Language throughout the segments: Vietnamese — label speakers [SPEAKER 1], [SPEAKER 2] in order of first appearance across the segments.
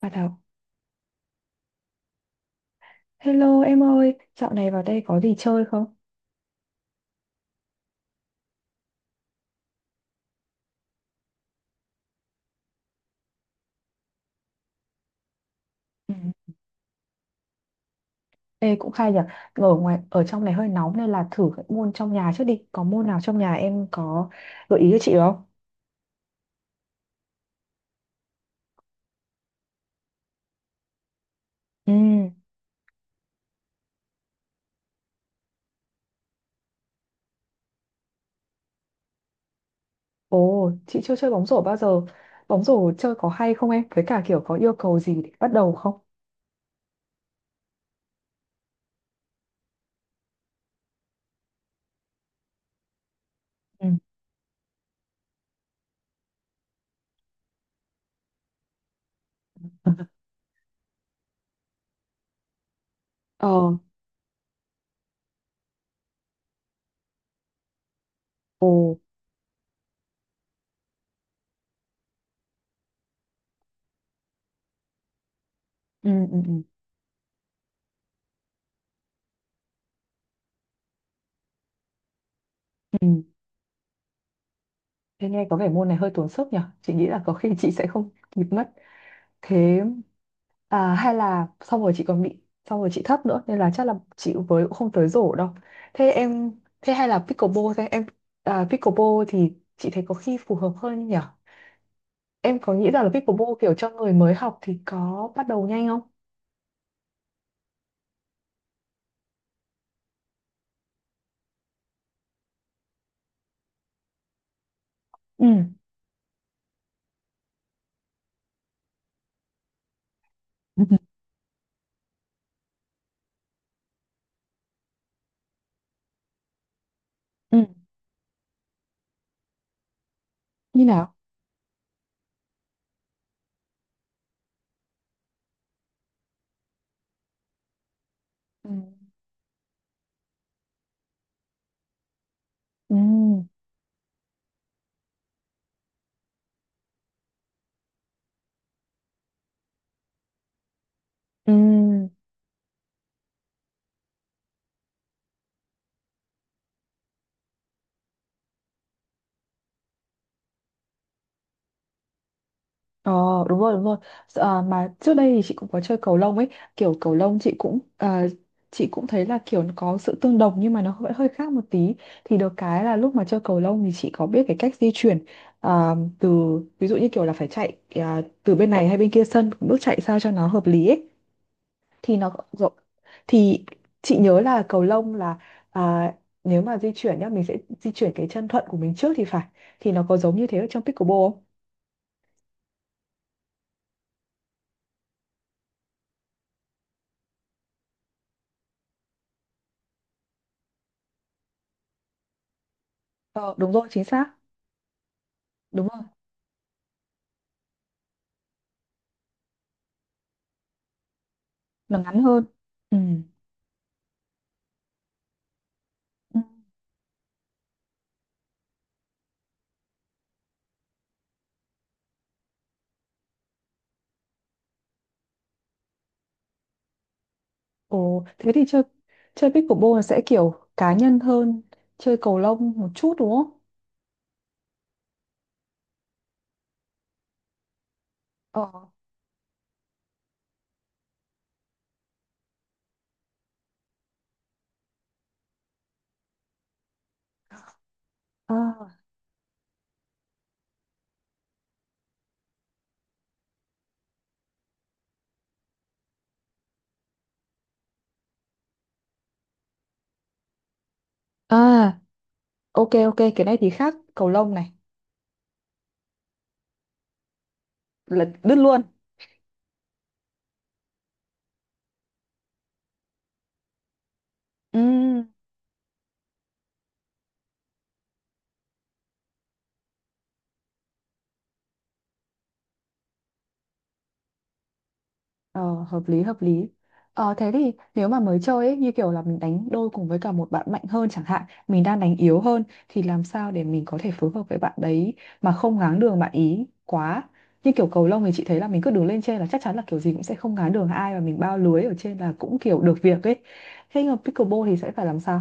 [SPEAKER 1] Bà đầu. Hello em ơi, dạo này vào đây có gì chơi không? Ừ. Ê cũng khai nhỉ, ở ngoài ở trong này hơi nóng nên là thử các môn trong nhà trước đi. Có môn nào trong nhà em có gợi ý cho chị không? Ừ. Ồ, chị chưa chơi bóng rổ bao giờ. Bóng rổ chơi có hay không em? Với cả kiểu có yêu cầu gì để bắt đầu không? Ừ. Ờ. Ồ. Ừ, ừ, ừ. Ừ. Thế nghe có vẻ môn này hơi tốn sức nhỉ? Chị nghĩ là có khi chị sẽ không kịp mất. Thế à, hay là xong rồi chị còn bị xong rồi chị thấp nữa, nên là chắc là chị với cũng không tới rổ đâu. Thế em, thế hay là pickleball, thế em à, pickleball thì chị thấy có khi phù hợp hơn nhỉ? Em có nghĩ rằng là pickleball kiểu cho người mới học thì có bắt đầu nhanh không? Ừ. Ừ. Ừ. Như nào? Ừ. Ừ. Ừ. Ờ, đúng rồi, đúng rồi. Ờ, mà trước đây thì chị cũng có chơi cầu lông ấy, kiểu cầu lông chị cũng thấy là kiểu nó có sự tương đồng, nhưng mà nó vẫn hơi khác một tí. Thì được cái là lúc mà chơi cầu lông thì chị có biết cái cách di chuyển, từ ví dụ như kiểu là phải chạy, từ bên này hay bên kia sân, bước chạy sao cho nó hợp lý ấy. thì nó rộ- thì chị nhớ là cầu lông là, à, nếu mà di chuyển nhá, mình sẽ di chuyển cái chân thuận của mình trước thì phải. Thì nó có giống như thế ở trong pickleball không? Ờ, đúng rồi, chính xác. Đúng rồi. Nó ngắn hơn. Ừ. Ừ. Ồ, thế thì chơi chơi pickleball là sẽ kiểu cá nhân hơn chơi cầu lông một chút đúng không? Ờ. À. À, ok, ok. Cái này thì khác cầu lông này. Là đứt luôn. Ừ. Ờ, hợp lý, hợp lý. Thế thì nếu mà mới chơi ấy, như kiểu là mình đánh đôi cùng với cả một bạn mạnh hơn chẳng hạn, mình đang đánh yếu hơn, thì làm sao để mình có thể phối hợp với bạn đấy mà không ngáng đường bạn ý quá? Như kiểu cầu lông thì chị thấy là mình cứ đứng lên trên là chắc chắn là kiểu gì cũng sẽ không ngáng đường ai, và mình bao lưới ở trên là cũng kiểu được việc ấy. Thế nhưng mà pickleball thì sẽ phải làm sao?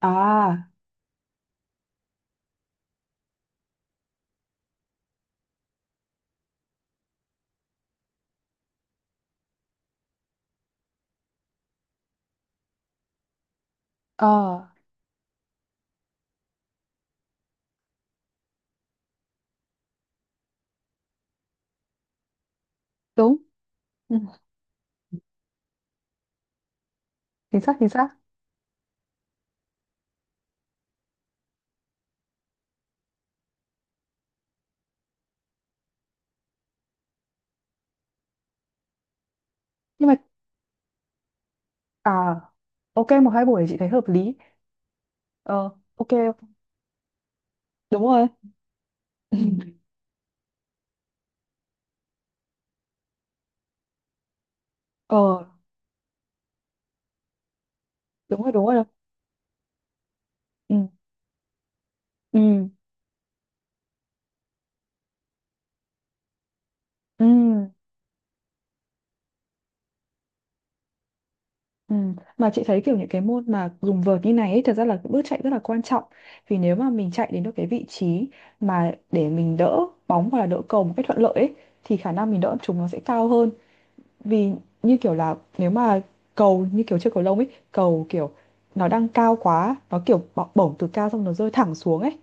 [SPEAKER 1] À. Ờ. Đúng. Ừ, chính xác, chính xác. Nhưng mà, à, ok, một hai buổi thì chị thấy hợp lý. Ờ. Ok. Đúng rồi. Ờ, đúng rồi, đúng rồi. Ừ. Ừ. Ừ. Ừ. Mà chị thấy kiểu những cái môn mà dùng vợt như này ấy, thật ra là cái bước chạy rất là quan trọng. Vì nếu mà mình chạy đến được cái vị trí mà để mình đỡ bóng hoặc là đỡ cầu một cách thuận lợi ấy, thì khả năng mình đỡ chúng nó sẽ cao hơn. Vì như kiểu là nếu mà cầu, như kiểu chơi cầu lông ấy, cầu kiểu nó đang cao quá, nó kiểu bổng từ cao xong nó rơi thẳng xuống ấy.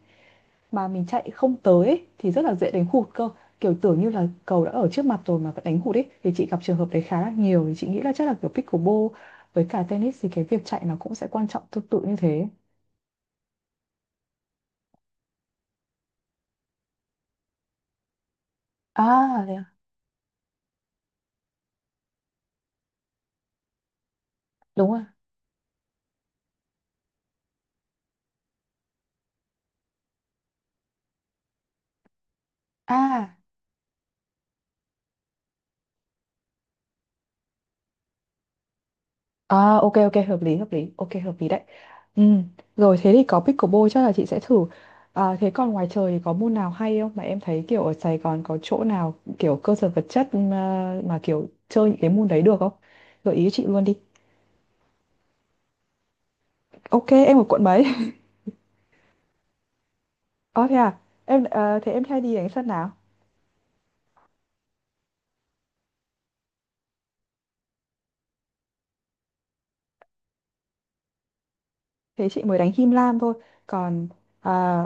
[SPEAKER 1] Mà mình chạy không tới ấy, thì rất là dễ đánh hụt cơ, kiểu, tưởng như là cầu đã ở trước mặt rồi mà vẫn đánh hụt ấy, thì chị gặp trường hợp đấy khá là nhiều, thì chị nghĩ là chắc là, kiểu, pickleball với cả tennis thì cái việc chạy nó cũng sẽ quan trọng tương tự như thế. À, thế à? Đúng rồi. À. À, ok, ok, hợp lý, hợp lý. Ok, hợp lý đấy. Ừ. Rồi thế thì có pickleball chắc là chị sẽ thử. À, thế còn ngoài trời thì có môn nào hay không mà em thấy kiểu ở Sài Gòn có chỗ nào kiểu cơ sở vật chất, mà kiểu chơi những cái môn đấy được không? Gợi ý cho chị luôn đi. Ok, em ở quận mấy? Ờ, thế à? Thế em hay đi đánh sân nào? Thế chị mới đánh Him Lam thôi. Còn, à,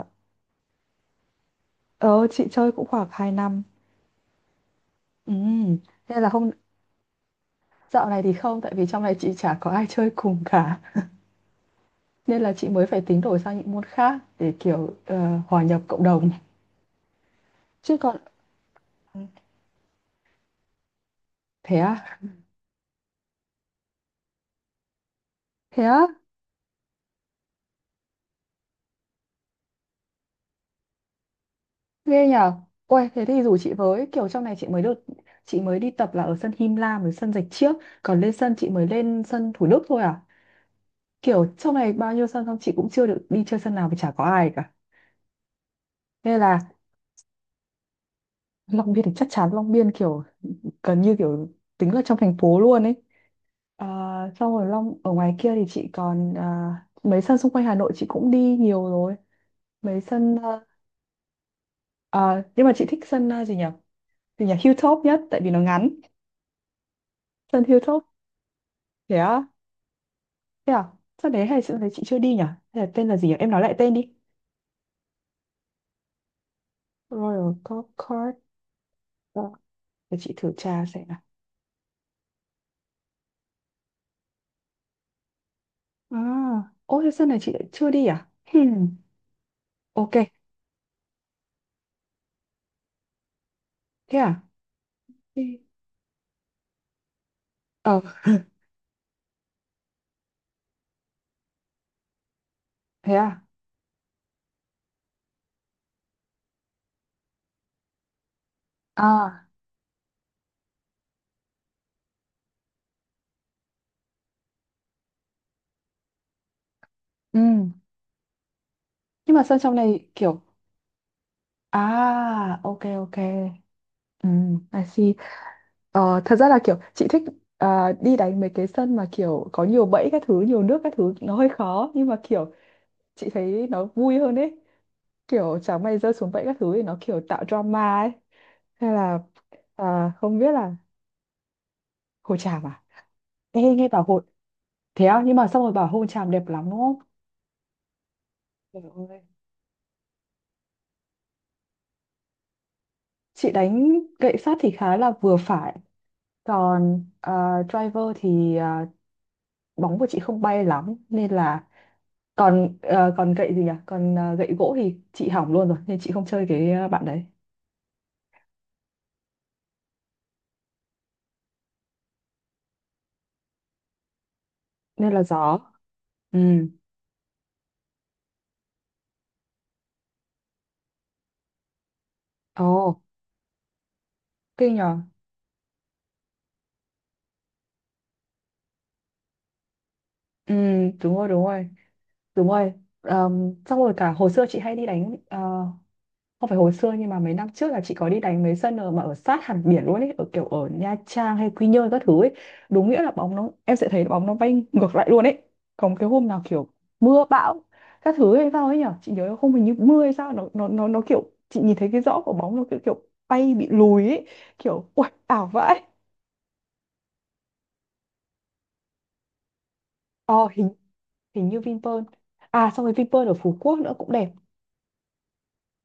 [SPEAKER 1] ờ chị chơi cũng khoảng 2 năm. Ừ. Nên là dạo này thì không, tại vì trong này chị chả có ai chơi cùng cả, nên là chị mới phải tính đổi sang những môn khác để kiểu, hòa nhập cộng đồng. Chứ còn. Ừ. Thế à. Thế á. Ghê nhở. Ôi thế thì rủ chị với, kiểu trong này chị mới được, chị mới đi tập là ở sân Him Lam với sân Rạch Chiếc, còn lên sân chị mới lên sân Thủ Đức thôi à, kiểu trong này bao nhiêu sân, xong chị cũng chưa được đi chơi sân nào vì chả có ai cả nên là. Long Biên thì chắc chắn Long Biên kiểu gần như kiểu tính là trong thành phố luôn ấy. À, xong rồi Long ở ngoài kia thì chị còn, à, mấy sân xung quanh Hà Nội chị cũng đi nhiều rồi. Mấy sân, à. À, nhưng mà chị thích sân, à, gì nhỉ, gì nhỉ, Hilltop nhất tại vì nó ngắn. Sân Hilltop. Thế á. Thế à. Sân đấy hay, sân đấy chị chưa đi nhỉ? Hay là tên là gì nhỉ, em nói lại tên đi. Royal Golf Course. Ờ, để chị thử tra xem nào. À, ô thế sân này chị lại chưa đi à? Hmm. Ok. Thế à? Đi. Ờ. Thế à? À. Ừ. Nhưng mà sân trong này kiểu... À, ok, ok. Ừ, I see. Ờ, thật ra là kiểu chị thích, à, đi đánh mấy cái sân mà kiểu có nhiều bẫy các thứ, nhiều nước các thứ, nó hơi khó nhưng mà kiểu chị thấy nó vui hơn ấy. Kiểu chẳng may rơi xuống bẫy các thứ thì nó kiểu tạo drama ấy. Hay là, à, không biết là. Hồ Tràm à? Ê, nghe bảo Hồ. Thế á, nhưng mà xong rồi bảo hôn chàm đẹp lắm đúng không? Trời ơi. Chị đánh gậy sắt thì khá là vừa phải. Còn, driver thì, bóng của chị không bay lắm nên là, còn gậy gì nhỉ? Gậy gỗ thì chị hỏng luôn rồi nên chị không chơi cái, bạn đấy. Nên là gió. Ừ. Ồ, kinh nhờ. Ừ, đúng rồi, đúng rồi. Đúng rồi. Xong rồi cả hồi xưa chị hay đi đánh, không phải hồi xưa nhưng mà mấy năm trước là chị có đi đánh mấy sân ở, mà ở sát hẳn biển luôn ấy, ở kiểu ở Nha Trang hay Quy Nhơn các thứ ấy. Đúng nghĩa là bóng nó, em sẽ thấy bóng nó bay ngược lại luôn ấy. Còn cái hôm nào kiểu mưa bão các thứ hay sao ấy nhở, chị nhớ không, hình như mưa hay sao, nó kiểu chị nhìn thấy cái rõ của bóng nó kiểu kiểu bay bị lùi ấy, kiểu ui ảo vãi. Ờ, hình hình như Vinpearl. À, xong rồi Vinpearl ở Phú Quốc nữa cũng đẹp.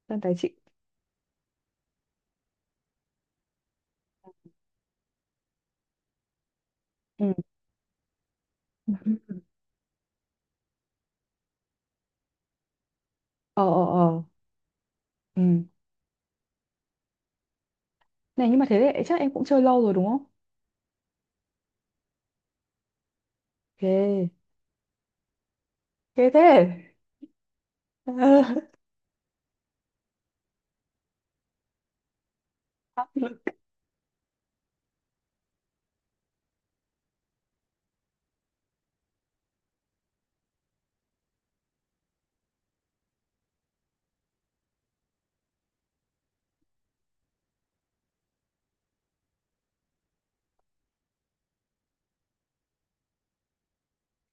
[SPEAKER 1] Sân tài chị. Ừ. Ờ, ờ, ờ. Ừ. Này nhưng mà thế thì chắc em cũng chơi lâu rồi đúng không? Ghê. Ghê thế. Ờ. Áp lực.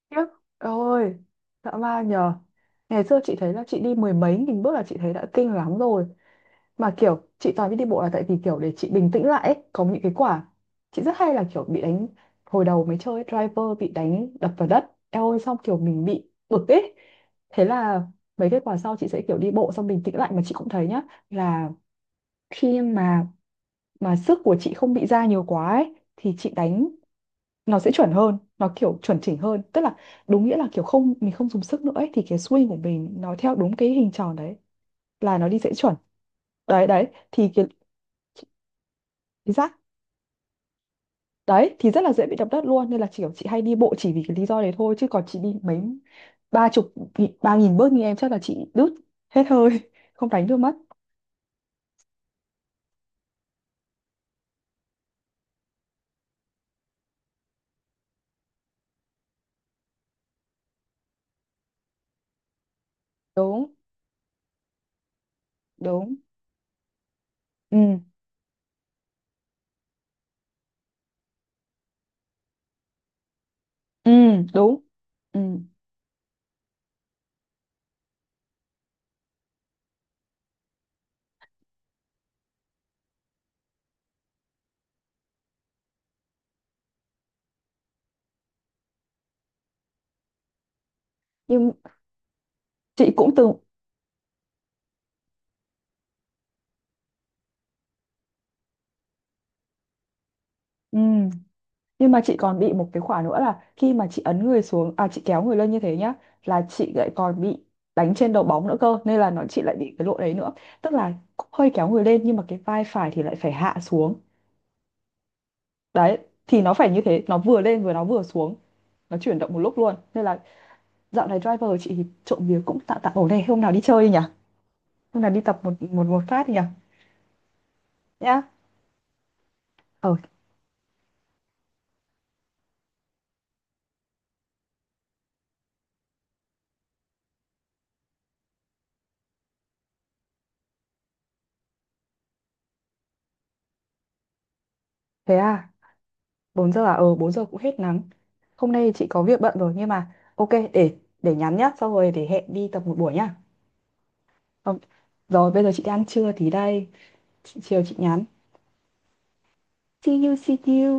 [SPEAKER 1] Khiếp. Ôi. Dã man nhờ. Ngày xưa chị thấy là chị đi mười mấy nghìn bước là chị thấy đã kinh lắm rồi. Mà kiểu chị toàn biết đi bộ là tại vì kiểu để chị bình tĩnh lại ấy. Có những cái quả chị rất hay là kiểu bị đánh, hồi đầu mới chơi driver bị đánh đập vào đất, eo ơi, xong kiểu mình bị bực ấy. Thế là mấy cái quả sau chị sẽ kiểu đi bộ xong bình tĩnh lại, mà chị cũng thấy nhá, là khi mà, sức của chị không bị ra nhiều quá ấy, thì chị đánh nó sẽ chuẩn hơn, nó kiểu chuẩn chỉnh hơn, tức là đúng nghĩa là kiểu không, mình không dùng sức nữa ấy, thì cái swing của mình nó theo đúng cái hình tròn đấy là nó đi sẽ chuẩn. Đấy, đấy thì cái giác đấy thì rất là dễ bị đập đất luôn, nên là chỉ kiểu chị hay đi bộ chỉ vì cái lý do đấy thôi, chứ còn chị đi mấy ba chục ba nghìn bước như em chắc là chị đứt hết hơi, không đánh được mất. Đúng. Đúng. Ừ. Ừ. Đúng. Ừ. Nhưng chị cũng từng. Ừ. Nhưng mà chị còn bị một cái khoản nữa là khi mà chị ấn người xuống, à, chị kéo người lên như thế nhá, là chị lại còn bị đánh trên đầu bóng nữa cơ, nên là nó chị lại bị cái lỗi đấy nữa. Tức là cũng hơi kéo người lên nhưng mà cái vai phải thì lại phải hạ xuống. Đấy thì nó phải như thế, nó vừa lên vừa nó vừa xuống, nó chuyển động một lúc luôn. Nên là dạo này driver chị thì trộm vía cũng tạm tạm ổn này, hôm nào đi chơi đi nhỉ? Hôm nào đi tập một một một phát đi nhỉ? Nhá. Ờ, thế à, 4 giờ à? Ờ 4 giờ cũng hết nắng. Hôm nay chị có việc bận rồi nhưng mà ok, để nhắn nhá, xong rồi để hẹn đi tập một buổi nhá. Ờ, rồi bây giờ chị đi ăn trưa tí đây, chị, chiều chị nhắn. See you, see you.